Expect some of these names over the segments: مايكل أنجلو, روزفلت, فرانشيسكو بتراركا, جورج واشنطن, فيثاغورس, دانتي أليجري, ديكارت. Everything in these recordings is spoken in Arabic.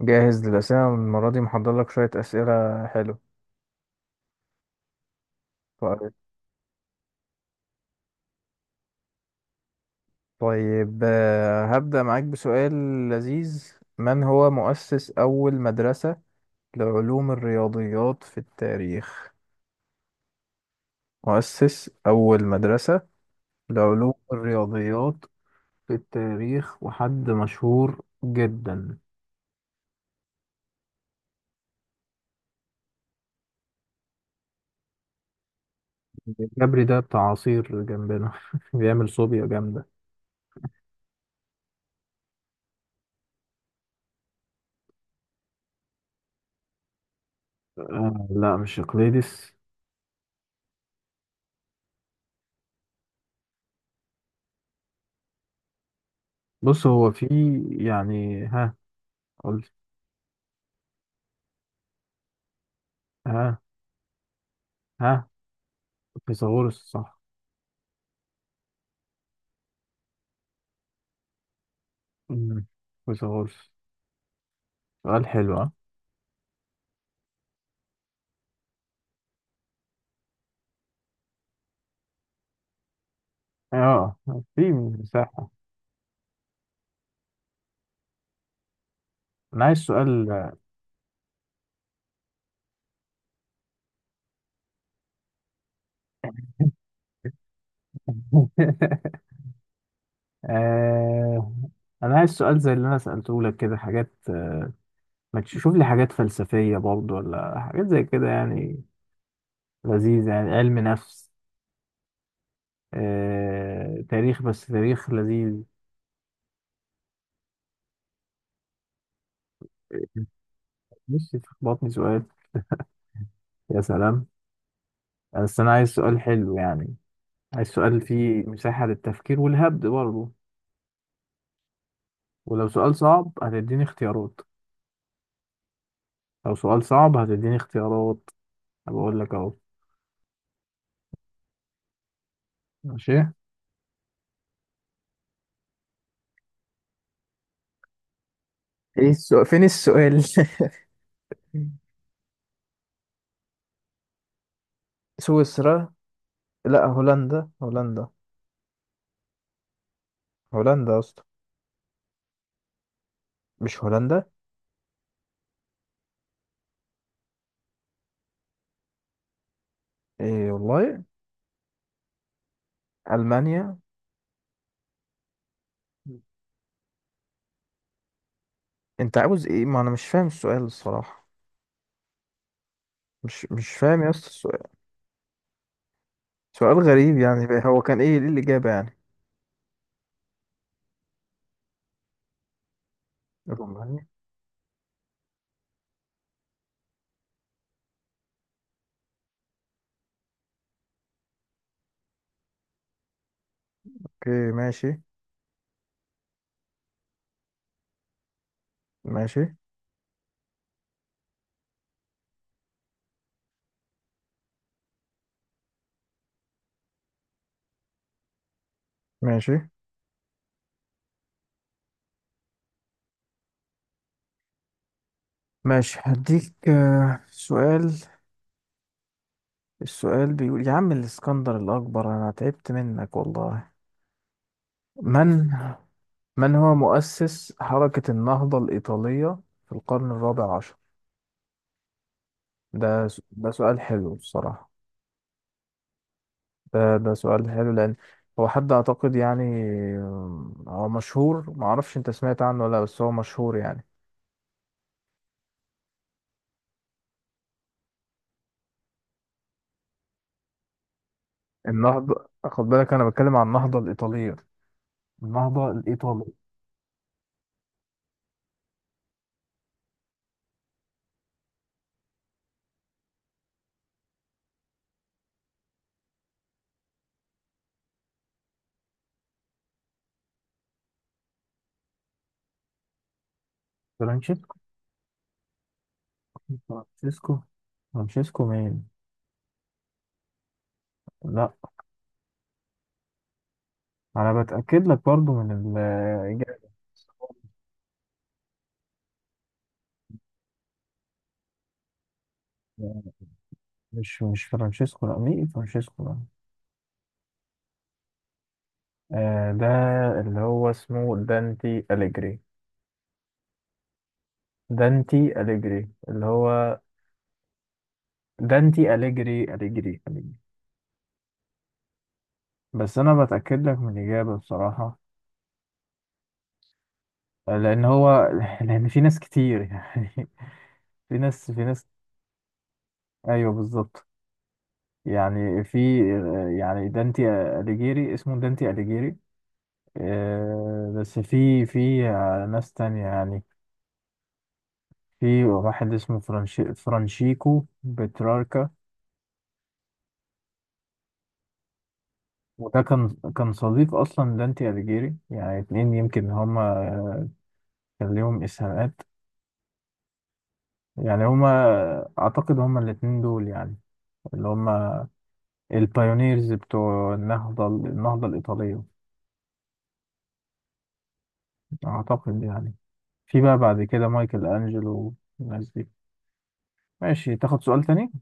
جاهز للأسئلة المرة دي محضر لك شوية أسئلة حلو. طيب هبدأ معاك بسؤال لذيذ. من هو مؤسس أول مدرسة لعلوم الرياضيات في التاريخ؟ مؤسس أول مدرسة لعلوم الرياضيات في التاريخ، وحد مشهور جدا. الجبري ده بتاع عصير جنبنا بيعمل صوبيا جامدة. آه لا، مش اقليدس. بص هو في، يعني ها قلت ها ها فيثاغورس، صح. مم. فيثاغورس. سؤال حلو، ها؟ اه، في مساحة. انا عايز سؤال. آه... انا عايز سؤال زي اللي انا سألته لك، كده حاجات، ما تشوف لي حاجات فلسفية برضو، ولا حاجات زي كده يعني لذيذ، يعني علم نفس، تاريخ، بس تاريخ لذيذ. مش تخبطني سؤال؟ يا سلام. بس انا عايز سؤال حلو يعني، عايز سؤال فيه مساحة للتفكير والهبد برضو. ولو سؤال صعب هتديني اختيارات، لو سؤال صعب هتديني اختيارات. بقول لك اهو. ماشي. ايه السؤال، فين السؤال؟ سويسرا. لا، هولندا، هولندا. هولندا يا اسطى. مش هولندا؟ ايه والله. المانيا. انت عاوز ايه، ما انا مش فاهم السؤال الصراحة. مش فاهم يا اسطى السؤال. سؤال غريب يعني. هو كان ايه، ايه الإجابة يعني؟ رومانيا. اوكي ماشي. ماشي ماشي ماشي, هديك سؤال. السؤال بيقول يا عم الإسكندر الأكبر، أنا تعبت منك والله. من، من هو مؤسس حركة النهضة الإيطالية في القرن الرابع عشر؟ ده سؤال حلو الصراحة. ده سؤال حلو، لأن هو حد أعتقد يعني. هو مشهور، معرفش أنت سمعت عنه ولا لأ، بس هو مشهور يعني. النهضة، خد بالك أنا بتكلم عن النهضة الإيطالية، النهضة الإيطالي. فرانشيسكو. فرانشيسكو. فرانشيسكو مين؟ لا، انا بتاكد لك برضو من الاجابه. مش فرانشيسكو، لا. مين فرانشيسكو؟ لا. آه ده، اللي هو اسمه دانتي أليجري. دانتي أليجري، اللي هو دانتي أليجري، أليجري. بس أنا بتأكد لك من الإجابة بصراحة، لأن هو لأن في ناس كتير يعني. في ناس. أيوه بالظبط. يعني في، يعني دانتي أليجيري، اسمه دانتي أليجيري. بس في ناس تانية يعني. في واحد اسمه فرانشيكو بتراركا. وده كان، كان صديق أصلا دانتي أليجيري. يعني اتنين يمكن هما، كان ليهم إسهامات. يعني هما، أعتقد هما الاتنين دول يعني، اللي هما البايونيرز بتوع النهضة، النهضة الإيطالية، أعتقد يعني. في بقى بعد كده مايكل أنجلو والناس دي. ماشي، تاخد سؤال تاني؟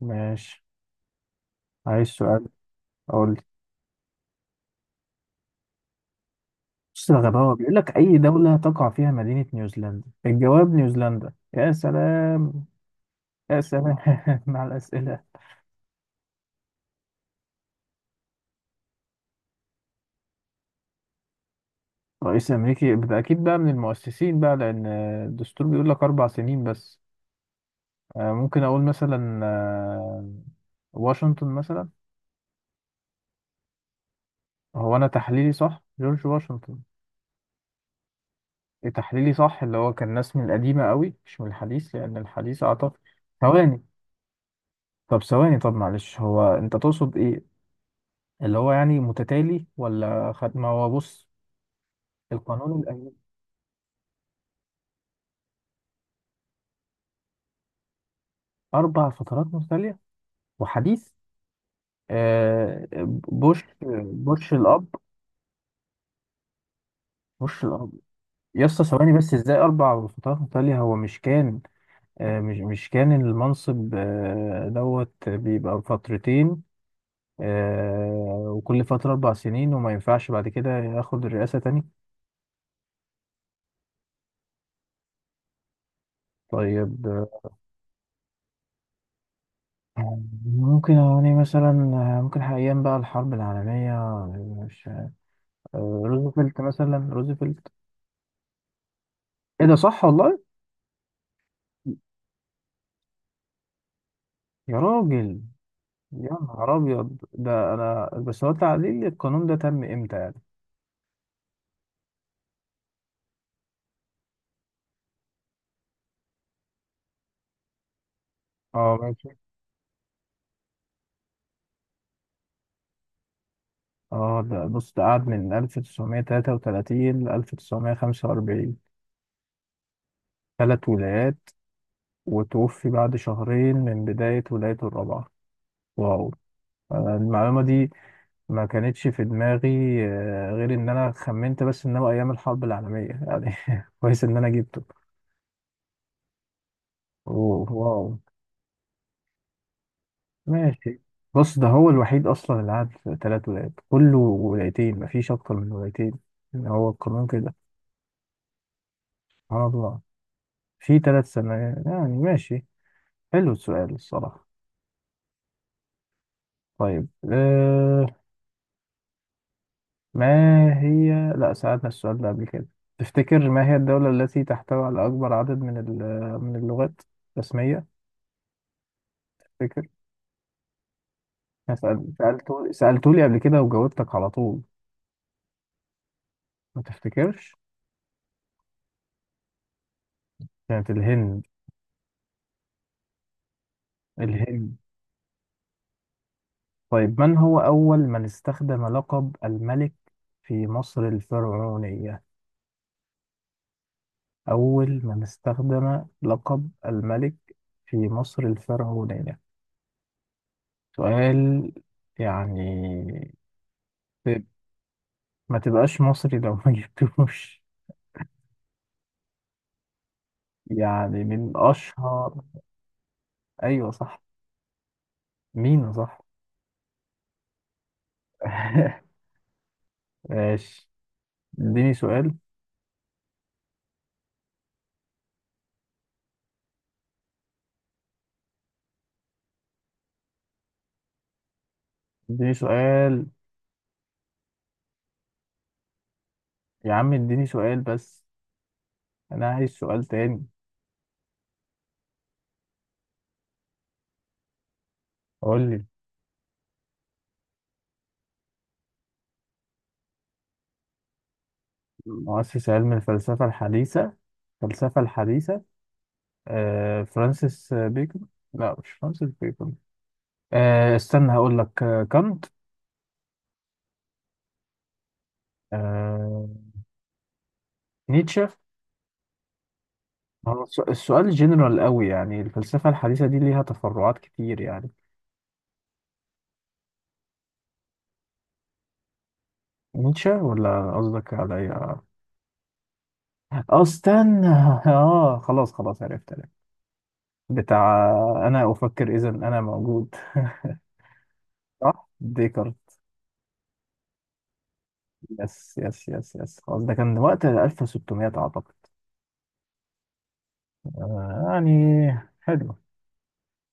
ماشي. عايز سؤال. أقول. بص يا غباوة، بيقول لك أي دولة تقع فيها مدينة نيوزيلندا؟ الجواب نيوزيلندا. يا سلام. يا سلام. مع الأسئلة. رئيس أمريكي ده أكيد بقى من المؤسسين، بقى لأن الدستور بيقول لك أربع سنين بس. ممكن أقول مثلا، واشنطن مثلا. هو أنا تحليلي صح، جورج واشنطن. إيه تحليلي صح، اللي هو كان ناس من القديمة قوي، مش من الحديث، لأن الحديث أعتقد. ثواني، طب ثواني، طب معلش، هو أنت تقصد إيه؟ اللي هو يعني متتالي، ولا خد، ما هو بص. القانون الأيوبي. أربع فترات متتالية وحديث. آه. بوش. بوش الأب. بوش الأب. يا اسطى ثواني بس، إزاي أربع فترات متتالية؟ هو مش كان، مش كان المنصب دوت بيبقى فترتين، آه، وكل فترة أربع سنين، وما ينفعش بعد كده ياخد الرئاسة تاني. طيب. آه، ممكن يعني مثلا، ممكن أيام بقى الحرب العالمية، مش، روزفلت مثلا، روزفلت. إيه ده صح والله؟ يا راجل. يا نهار ابيض. ده انا بس، هو تعديل القانون ده تم امتى يعني؟ اه ماشي. اه ده بص، ده قعد من 1933 ل 1945. ثلاث ولايات. وتوفي بعد شهرين من بداية ولايته الرابعة. واو. أنا المعلومة دي ما كانتش في دماغي، غير ان انا خمنت بس ان هو ايام الحرب العالمية يعني. كويس ان انا جبته. أوه واو. ماشي. بص ده هو الوحيد اصلا اللي قعد في ثلاث ولايات، كله ولايتين، مفيش اكتر من ولايتين، يعني هو القانون كده. سبحان الله. في ثلاث سنوات يعني. ماشي، حلو السؤال الصراحة. طيب أه. ما هي، لا، سألنا السؤال ده قبل كده؟ تفتكر ما هي الدولة التي تحتوي على أكبر عدد من اللغات الرسمية؟ تفتكر؟ سألته سألتولي قبل كده، وجاوبتك على طول، ما تفتكرش؟ كانت الهند. الهند. طيب، من هو أول من استخدم لقب الملك في مصر الفرعونية؟ أول من استخدم لقب الملك في مصر الفرعونية. سؤال يعني، ت- ما تبقاش مصري لو ما جبتوش. يعني من أشهر. أيوة صح. مين صح. ماشي، اديني سؤال. اديني سؤال. يا عم اديني سؤال بس، أنا عايز سؤال تاني. قول لي. مؤسس علم الفلسفة الحديثة. الفلسفة الحديثة. آه، فرانسيس بيكون. لا، مش فرانسيس بيكون. آه استنى هقول لك، آه كانت، آه، نيتشه. السؤال جنرال قوي يعني، الفلسفة الحديثة دي ليها تفرعات كتير يعني. نيتشه، ولا قصدك على إيه؟ اه. استنى. اه خلاص خلاص، عرفت عرفت. بتاع، انا افكر اذا انا موجود. صح، ديكارت. يس يس يس يس خلاص. ده كان وقت 1600 اعتقد. يعني حلو.